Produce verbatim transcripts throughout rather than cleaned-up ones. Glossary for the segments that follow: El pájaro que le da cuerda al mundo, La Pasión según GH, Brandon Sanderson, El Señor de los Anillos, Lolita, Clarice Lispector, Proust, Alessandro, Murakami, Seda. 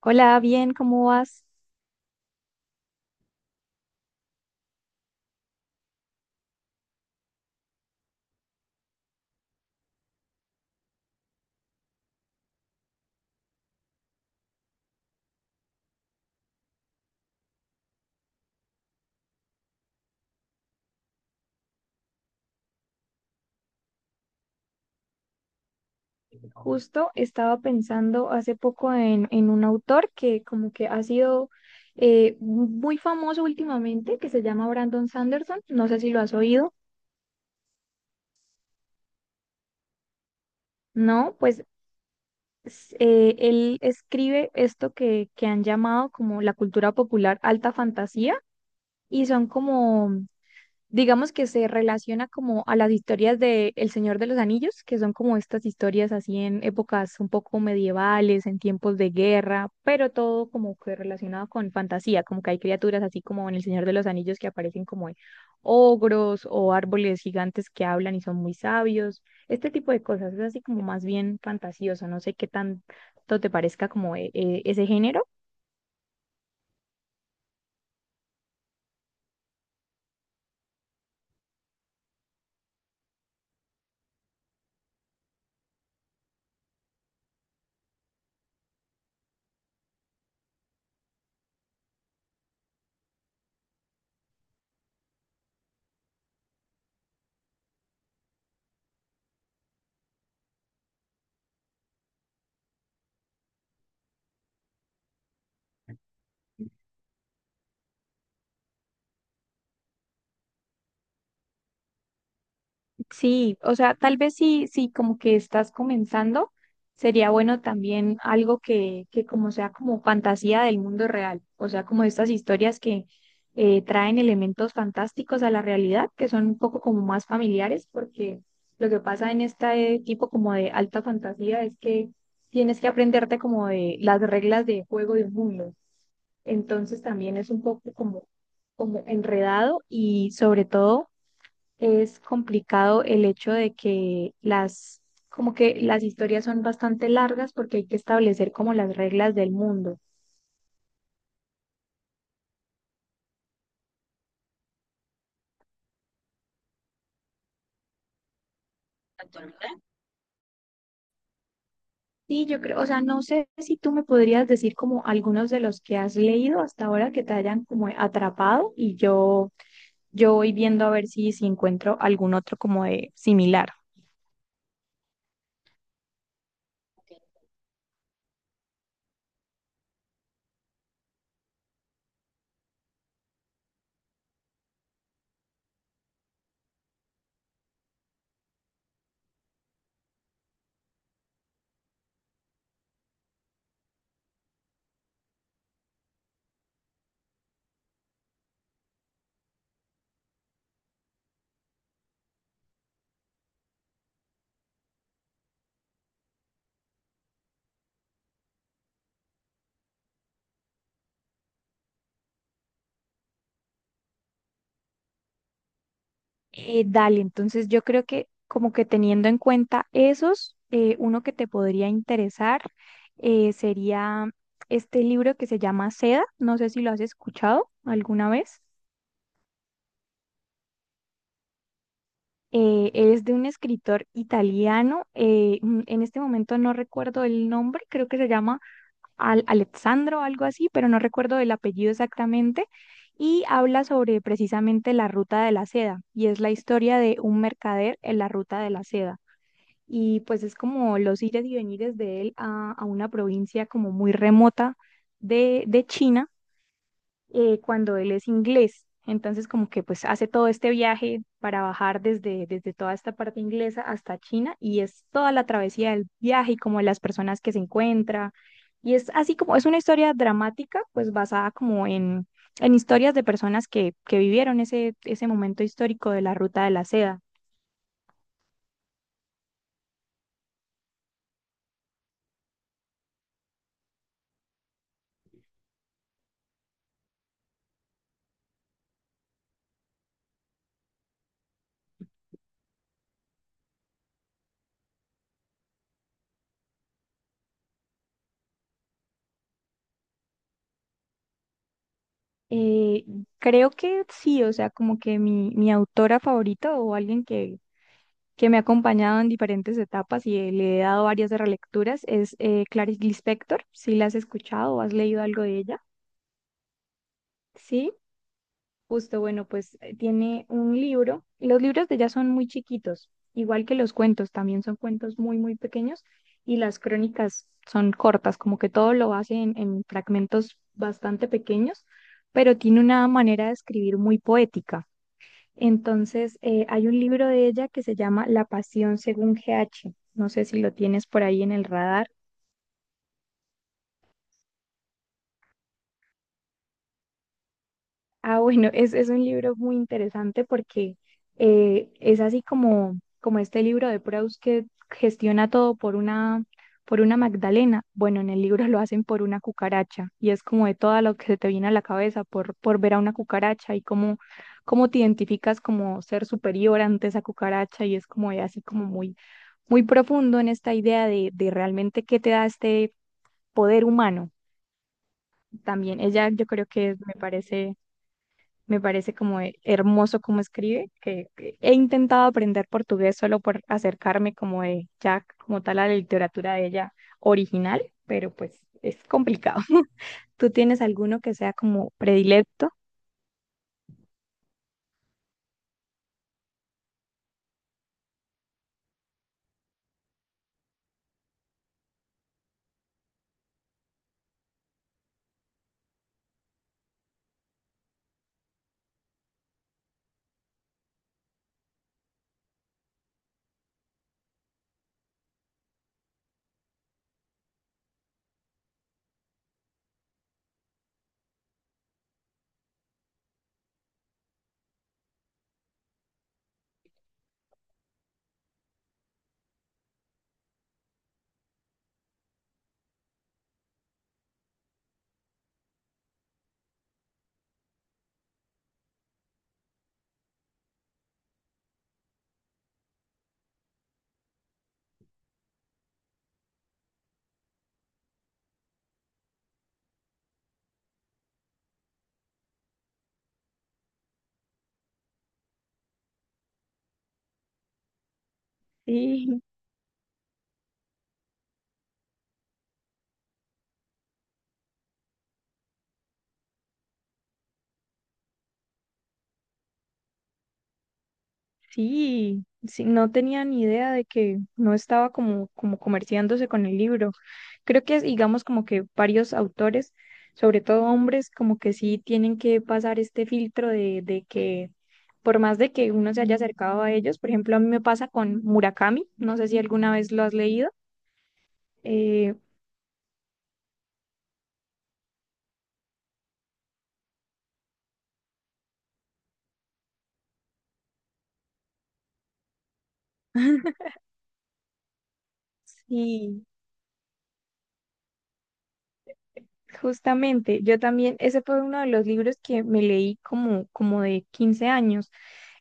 Hola, bien, ¿cómo vas? Justo estaba pensando hace poco en, en un autor que como que ha sido eh, muy famoso últimamente, que se llama Brandon Sanderson. No sé si lo has oído. No, pues s- eh, él escribe esto que, que han llamado como la cultura popular alta fantasía y son como digamos que se relaciona como a las historias de El Señor de los Anillos, que son como estas historias así en épocas un poco medievales, en tiempos de guerra, pero todo como que relacionado con fantasía, como que hay criaturas así como en El Señor de los Anillos que aparecen como ogros o árboles gigantes que hablan y son muy sabios, este tipo de cosas, es así como más bien fantasioso, no sé qué tanto te parezca como eh, eh, ese género. Sí, o sea, tal vez sí, sí, como que estás comenzando, sería bueno también algo que, que como sea como fantasía del mundo real, o sea, como estas historias que eh, traen elementos fantásticos a la realidad, que son un poco como más familiares, porque lo que pasa en este tipo como de alta fantasía es que tienes que aprenderte como de las reglas de juego de un mundo. Entonces también es un poco como, como enredado y sobre todo es complicado el hecho de que las, como que las historias son bastante largas porque hay que establecer como las reglas del mundo. Sí, yo creo, o sea, no sé si tú me podrías decir como algunos de los que has leído hasta ahora que te hayan como atrapado y yo, yo voy viendo a ver si, si encuentro algún otro como de similar. Eh, dale, entonces yo creo que como que teniendo en cuenta esos, eh, uno que te podría interesar eh, sería este libro que se llama Seda, no sé si lo has escuchado alguna vez. Eh, es de un escritor italiano, eh, mm, en este momento no recuerdo el nombre, creo que se llama Al Alessandro o algo así, pero no recuerdo el apellido exactamente, y habla sobre precisamente la ruta de la seda, y es la historia de un mercader en la ruta de la seda. Y pues es como los ires y venires de él a, a una provincia como muy remota de, de China eh, cuando él es inglés. Entonces como que pues hace todo este viaje para bajar desde, desde toda esta parte inglesa hasta China y es toda la travesía del viaje y como las personas que se encuentra. Y es así como, es una historia dramática pues basada como en, en historias de personas que, que vivieron ese, ese momento histórico de la Ruta de la Seda. Eh, Creo que sí, o sea, como que mi, mi autora favorita o alguien que, que me ha acompañado en diferentes etapas y eh, le he dado varias relecturas es eh, Clarice Lispector. Si la has escuchado o has leído algo de ella. Sí, justo, bueno, pues eh, tiene un libro. Los libros de ella son muy chiquitos, igual que los cuentos, también son cuentos muy, muy pequeños y las crónicas son cortas, como que todo lo hace en en fragmentos bastante pequeños, pero tiene una manera de escribir muy poética. Entonces, eh, hay un libro de ella que se llama La Pasión según G H. No sé si lo tienes por ahí en el radar. Ah, bueno, es, es un libro muy interesante porque eh, es así como, como este libro de Proust que gestiona todo por una, por una Magdalena. Bueno, en el libro lo hacen por una cucaracha y es como de todo lo que se te viene a la cabeza por, por ver a una cucaracha y cómo, cómo te identificas como ser superior ante esa cucaracha y es como de así como muy muy profundo en esta idea de, de realmente qué te da este poder humano también. Ella yo creo que me parece, me parece como he- hermoso como escribe, que, que he intentado aprender portugués solo por acercarme como de ya como tal a la literatura de ella original, pero pues es complicado. ¿Tú tienes alguno que sea como predilecto? Sí, sí, sí, no tenía ni idea de que no estaba como, como comerciándose con el libro. Creo que, digamos, como que varios autores, sobre todo hombres, como que sí tienen que pasar este filtro de, de que, por más de que uno se haya acercado a ellos, por ejemplo, a mí me pasa con Murakami, no sé si alguna vez lo has leído. Eh, sí, justamente, yo también, ese fue uno de los libros que me leí como, como de quince años,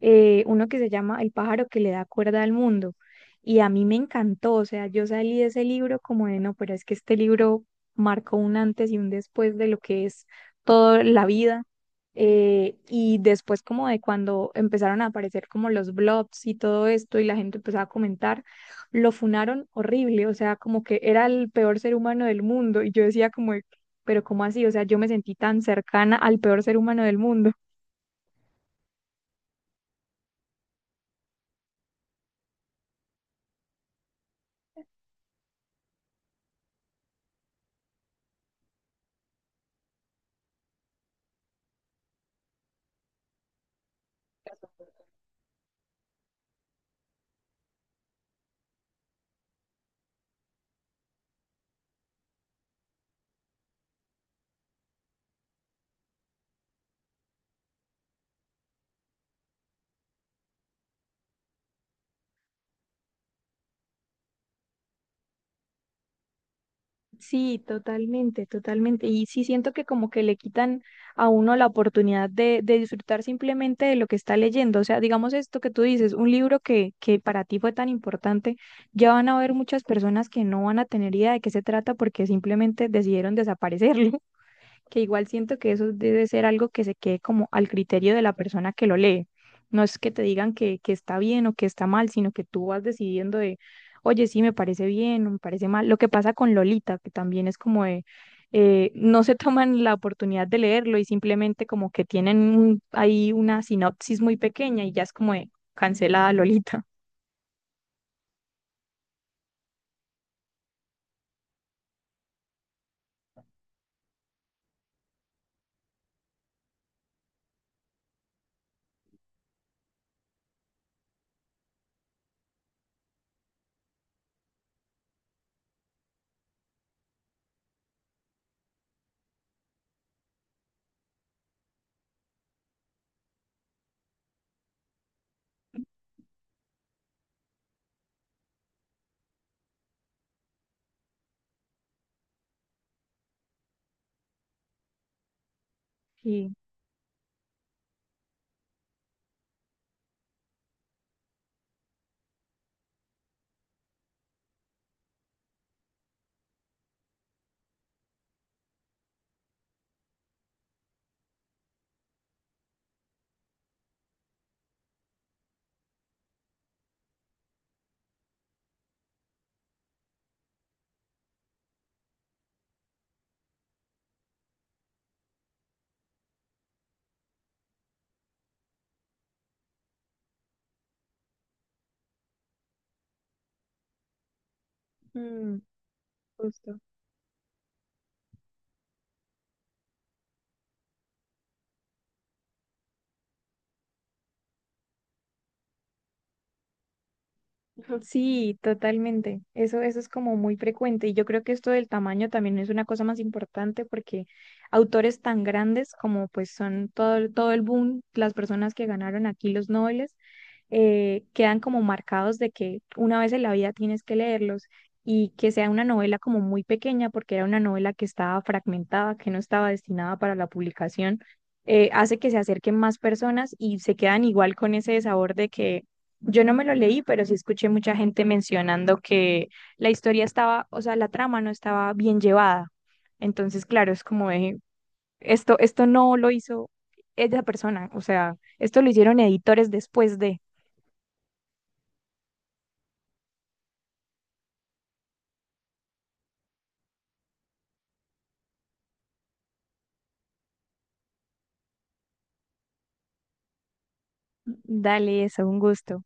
eh, uno que se llama El pájaro que le da cuerda al mundo, y a mí me encantó, o sea, yo salí de ese libro como de, no, pero es que este libro marcó un antes y un después de lo que es toda la vida, eh, y después como de cuando empezaron a aparecer como los blogs y todo esto, y la gente empezaba a comentar, lo funaron horrible, o sea, como que era el peor ser humano del mundo, y yo decía como, pero ¿cómo así? O sea, yo me sentí tan cercana al peor ser humano del mundo. Sí, totalmente, totalmente. Y sí siento que como que le quitan a uno la oportunidad de, de disfrutar simplemente de lo que está leyendo. O sea, digamos esto que tú dices, un libro que, que para ti fue tan importante, ya van a haber muchas personas que no van a tener idea de qué se trata porque simplemente decidieron desaparecerlo. Que igual siento que eso debe ser algo que se quede como al criterio de la persona que lo lee. No es que te digan que, que está bien o que está mal, sino que tú vas decidiendo de, oye, sí, me parece bien o me parece mal. Lo que pasa con Lolita, que también es como de, eh, no se toman la oportunidad de leerlo y simplemente como que tienen un- ahí una sinopsis muy pequeña y ya es como de cancelada Lolita. Sí. Mm, justo. Sí, totalmente. Eso, eso es como muy frecuente. Y yo creo que esto del tamaño también es una cosa más importante porque autores tan grandes como pues son todo, todo el boom, las personas que ganaron aquí los Nobel, eh, quedan como marcados de que una vez en la vida tienes que leerlos y que sea una novela como muy pequeña, porque era una novela que estaba fragmentada, que no estaba destinada para la publicación, eh, hace que se acerquen más personas y se quedan igual con ese sabor de que yo no me lo leí, pero sí escuché mucha gente mencionando que la historia estaba, o sea, la trama no estaba bien llevada. Entonces, claro, es como de, esto, esto no lo hizo esa persona, o sea, esto lo hicieron editores después de... Dale, eso, un gusto.